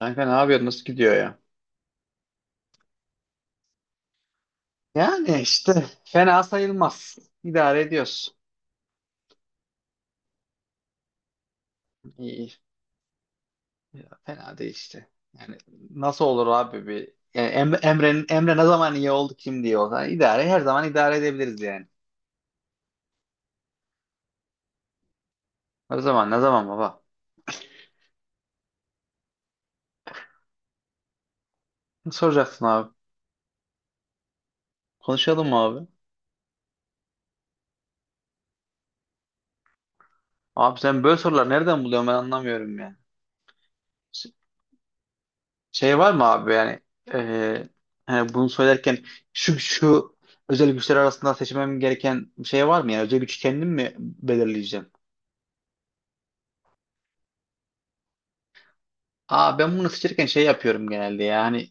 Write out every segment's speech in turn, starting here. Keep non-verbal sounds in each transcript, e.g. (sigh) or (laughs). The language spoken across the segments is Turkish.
Kanka ne yapıyorsun? Nasıl gidiyor ya? Yani işte fena sayılmaz. İdare ediyoruz. İyi. İyi. Ya, fena değil işte. Yani nasıl olur abi bir yani Emre ne zaman iyi oldu kim diye olsa idare her zaman idare edebiliriz yani. Her zaman ne zaman baba? Ne soracaksın abi? Konuşalım mı abi? Abi sen böyle sorular nereden buluyorsun ben anlamıyorum ya. Şey var mı abi yani eee, hani bunu söylerken şu özel güçler arasında seçmem gereken bir şey var mı? Yani özel güç kendim mi belirleyeceğim? Aa, ben bunu seçerken şey yapıyorum genelde yani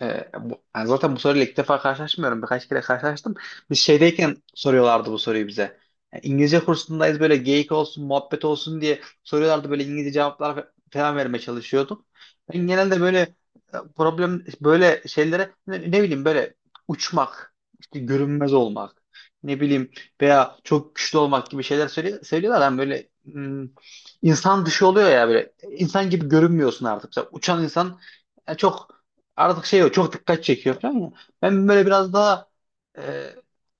bu, yani zaten bu soruyla ilk defa karşılaşmıyorum birkaç kere karşılaştım. Biz şeydeyken soruyorlardı bu soruyu bize. Yani İngilizce kursundayız böyle geyik olsun muhabbet olsun diye soruyorlardı böyle İngilizce cevaplar falan vermeye çalışıyordum. Ben genelde böyle problem böyle şeylere ne bileyim böyle uçmak işte görünmez olmak ne bileyim veya çok güçlü olmak gibi şeyler söylüyorlar. Ben böyle insan dışı oluyor ya böyle insan gibi görünmüyorsun artık. Mesela uçan insan çok artık şey yok çok dikkat çekiyor falan ya. Ben böyle biraz daha e,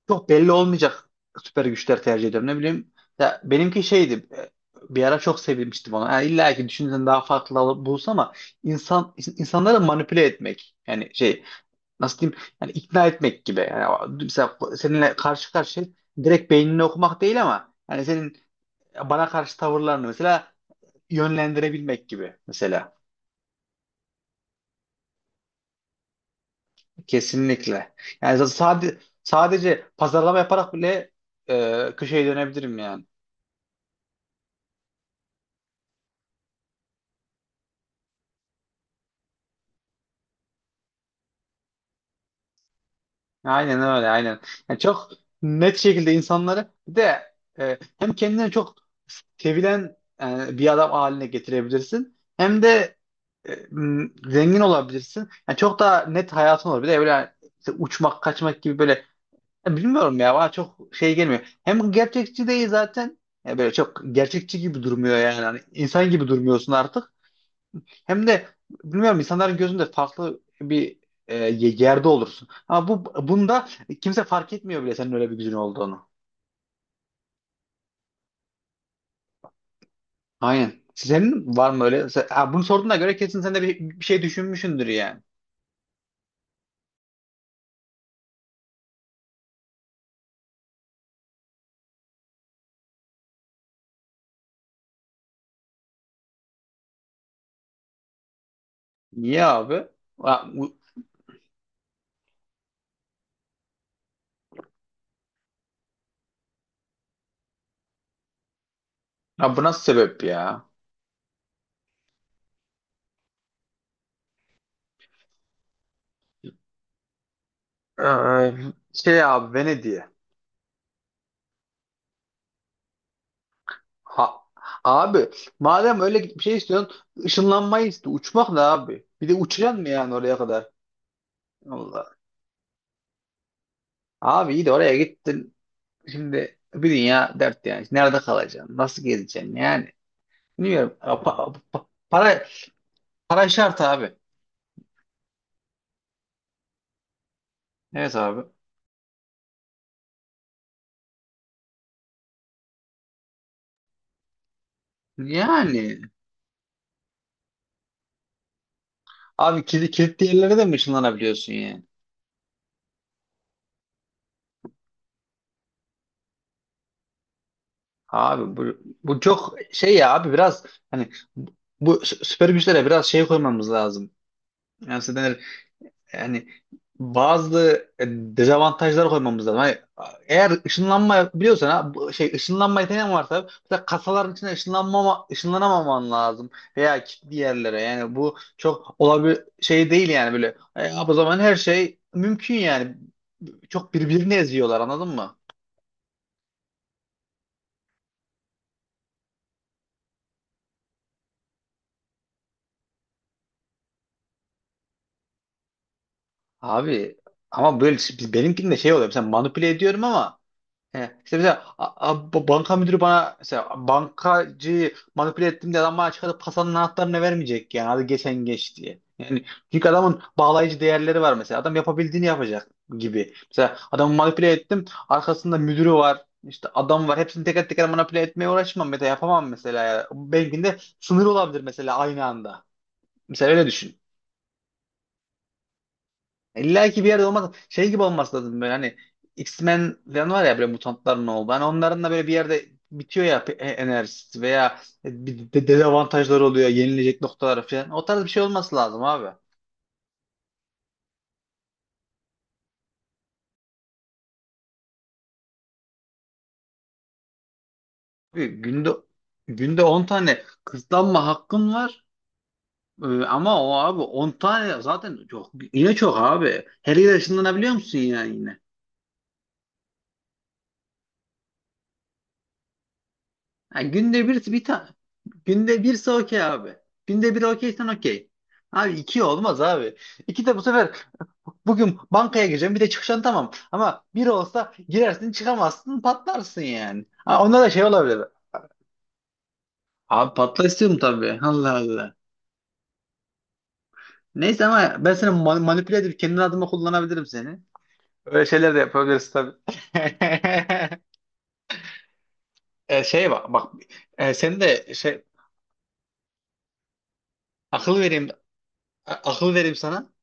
çok belli olmayacak süper güçler tercih ediyorum. Ne bileyim ya benimki şeydi bir ara çok sevinmiştim onu. Ha, illa ki düşünsen daha farklı alıp bulsa ama insanları manipüle etmek yani şey nasıl diyeyim yani ikna etmek gibi. Yani mesela seninle karşı karşıya direkt beynini okumak değil ama yani senin bana karşı tavırlarını mesela yönlendirebilmek gibi mesela. Kesinlikle. Yani sadece pazarlama yaparak bile köşeye dönebilirim yani. Aynen öyle, aynen. Yani çok net şekilde insanları bir de hem kendini çok sevilen bir adam haline getirebilirsin. Hem de zengin olabilirsin. Yani çok daha net hayatın olur. Bir de böyle işte uçmak, kaçmak gibi böyle. Ya, bilmiyorum ya bana çok şey gelmiyor. Hem gerçekçi değil zaten. Ya böyle çok gerçekçi gibi durmuyor yani. Hani insan gibi durmuyorsun artık. Hem de bilmiyorum insanların gözünde farklı bir e, yerde olursun. Ama bunda kimse fark etmiyor bile senin öyle bir gücün olduğunu. Aynen. Senin var mı öyle? Ha, bunu sorduğuna göre kesin sen de bir şey düşünmüşsündür yani. Niye abi? Ha, bu nasıl sebep ya? Ee, şey abi, Venedik'e. Ha, abi madem öyle bir şey istiyorsun ışınlanmayı iste. Uçmak da abi. Bir de uçacaksın mı yani oraya kadar? Allah. Abi iyi de oraya gittin. Şimdi bir dünya dert yani. Nerede kalacaksın? Nasıl gezeceksin? Yani bilmiyorum. Para şart abi. Evet abi. Yani abi kilitli yerlere de mi ışınlanabiliyorsun yani? Abi bu çok şey ya abi biraz hani bu süper güçlere biraz şey koymamız lazım. Yani Yani bazı dezavantajlar koymamız lazım. Hani, eğer ışınlanma biliyorsan ha, bu şey ışınlanma yeteneğin varsa mesela kasaların içine ışınlanamaman lazım veya kilitli yerlere. Yani bu çok olabil şey değil yani böyle. O zaman her şey mümkün yani. Çok birbirini eziyorlar anladın mı? Abi ama böyle benimkinde şey oluyor. Mesela manipüle ediyorum ama. He. İşte mesela banka müdürü bana mesela bankacıyı manipüle ettim diye adam bana çıkarıp kasanın anahtarını vermeyecek yani hadi geçen geç diye. Yani çünkü adamın bağlayıcı değerleri var mesela. Adam yapabildiğini yapacak gibi. Mesela adamı manipüle ettim. Arkasında müdürü var. İşte adam var. Hepsini teker teker manipüle etmeye uğraşmam. Mesela yapamam mesela. Yani. Belki de sınır olabilir mesela aynı anda. Mesela öyle düşün. İlla ki bir yerde olmaz. Şey gibi olması lazım böyle hani X-Men falan var ya böyle mutantların oldu. Hani onların da böyle bir yerde bitiyor ya enerjisi veya bir dezavantajları oluyor, yenilecek noktalar falan. O tarz bir şey olması lazım abi. Abi günde 10 tane kısıtlanma hakkın var. Ama o abi 10 tane zaten çok yine çok abi. Her yere ışınlanabiliyor musun yani yine? Ha, günde birse okey abi. Günde bir okeysen okey. Abi iki olmaz abi. İki de bu sefer bugün bankaya gireceğim bir de çıkacaksın tamam. Ama bir olsa girersin çıkamazsın patlarsın yani. Ha, onda da şey olabilir. Abi patla istiyorum tabii. Allah Allah. Neyse ama ben seni manipüle edip kendi adıma kullanabilirim seni. Öyle şeyler de yapabiliriz tabii. (laughs) Şey bak bak sen de şey akıl vereyim akıl vereyim sana.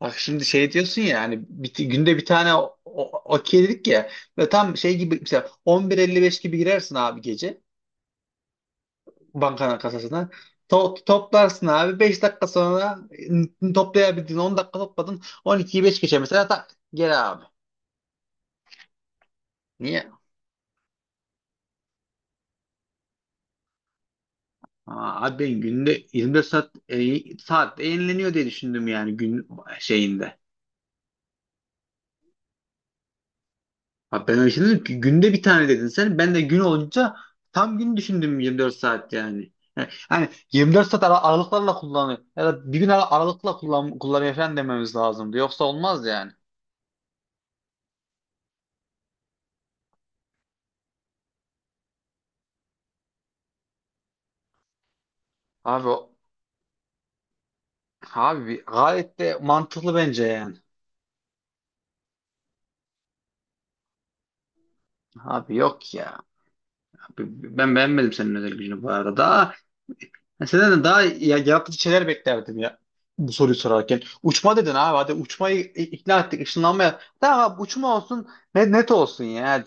Bak şimdi şey diyorsun ya hani günde bir tane okey dedik ya ve tam şey gibi mesela 11.55 gibi girersin abi gece bankanın kasasına. Toplarsın abi 5 dakika sonra toplayabildin 10 dakika topladın 12'yi 5 geçe mesela tak gel abi. Niye? Aa, abi ben günde 24 saat yenileniyor diye düşündüm yani gün şeyinde. Ha, ben öyle şey dedim ki günde bir tane dedin sen. Ben de gün olunca tam gün düşündüm 24 saat yani. Yani hani 24 saat aralıklarla kullanıyor. Ya da bir gün aralıkla kullanıyor falan dememiz lazımdı. Yoksa olmaz yani. Abi abi gayet de mantıklı bence yani. Abi yok ya. Abi ben beğenmedim senin özel gücünü bu arada. Daha ben senden de daha ya, yaratıcı şeyler beklerdim ya bu soruyu sorarken. Uçma dedin abi hadi uçmayı ikna ettik ışınlanmaya. Tamam abi uçma olsun net olsun ya.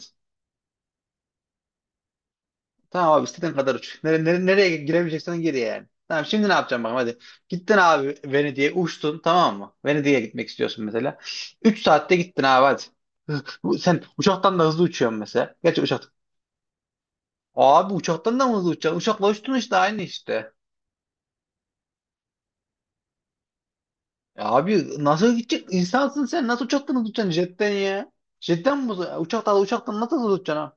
Tamam abi istediğin kadar uç. Nereye giremeyeceksen gir yani. Tamam şimdi ne yapacağım bakalım hadi. Gittin abi Venedik'e uçtun tamam mı? Venedik'e gitmek istiyorsun mesela. 3 saatte gittin abi hadi. (laughs) Hı, Sen uçaktan da hızlı uçuyorsun mesela. Gerçi uçak. Abi uçaktan da mı hızlı uçacaksın? Uçakla uçtun işte aynı işte. Ya, abi nasıl gidecek? İnsansın sen. Nasıl uçaktan hızlı uçacaksın jetten ya? Jetten mi? Uçaktan nasıl hızlı uçacaksın abi?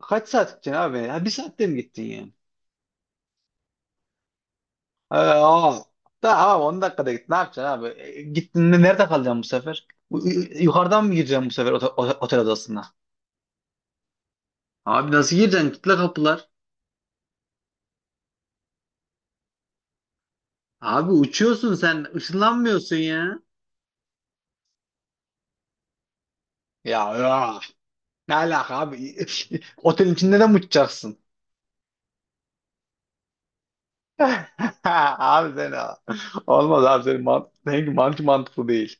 Kaç saat gideceksin abi? Ya bir saatte mi gittin ya? O. Da, abi 10 dakikada git. Ne yapacaksın abi? Gittin de nerede kalacaksın bu sefer? Yukarıdan mı gireceksin bu sefer otel odasına? Abi nasıl gireceksin? Kitle kapılar. Abi uçuyorsun sen. ışınlanmıyorsun ya. Ya, ya. Ne alaka abi? (laughs) Otelin içinde de mi uçacaksın? (laughs) Abi sen olmaz abi senin seninki mantıklı değil.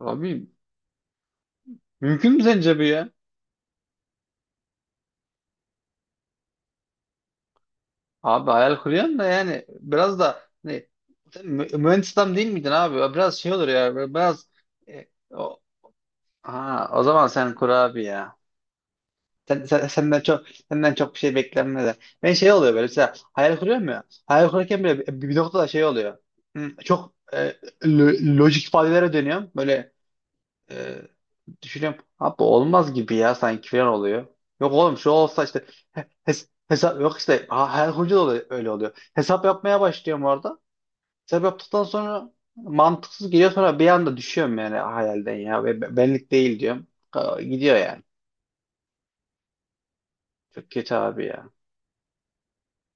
Abi mümkün mü sence bu ya? Abi hayal kuruyorsun da yani biraz da hani, sen mühendis adam değil miydin abi? Biraz şey olur ya böyle biraz. e, o, ha, o zaman sen kur abi ya. Senden çok bir şey beklenmez ya. Ben şey oluyor böyle mesela hayal kuruyorum ya. Hayal kurarken bile bir noktada şey oluyor. Hı, çok lojik ifadelere dönüyorum. Böyle e, düşünüyorum. Abi olmaz gibi ya sanki falan oluyor. Yok oğlum şu olsa işte hesap yok işte her hoca da öyle oluyor. Hesap yapmaya başlıyorum orada. Hesap yaptıktan sonra mantıksız geliyor sonra bir anda düşüyorum yani hayalden ya. Ve benlik değil diyorum. Gidiyor yani. Çok kötü abi ya.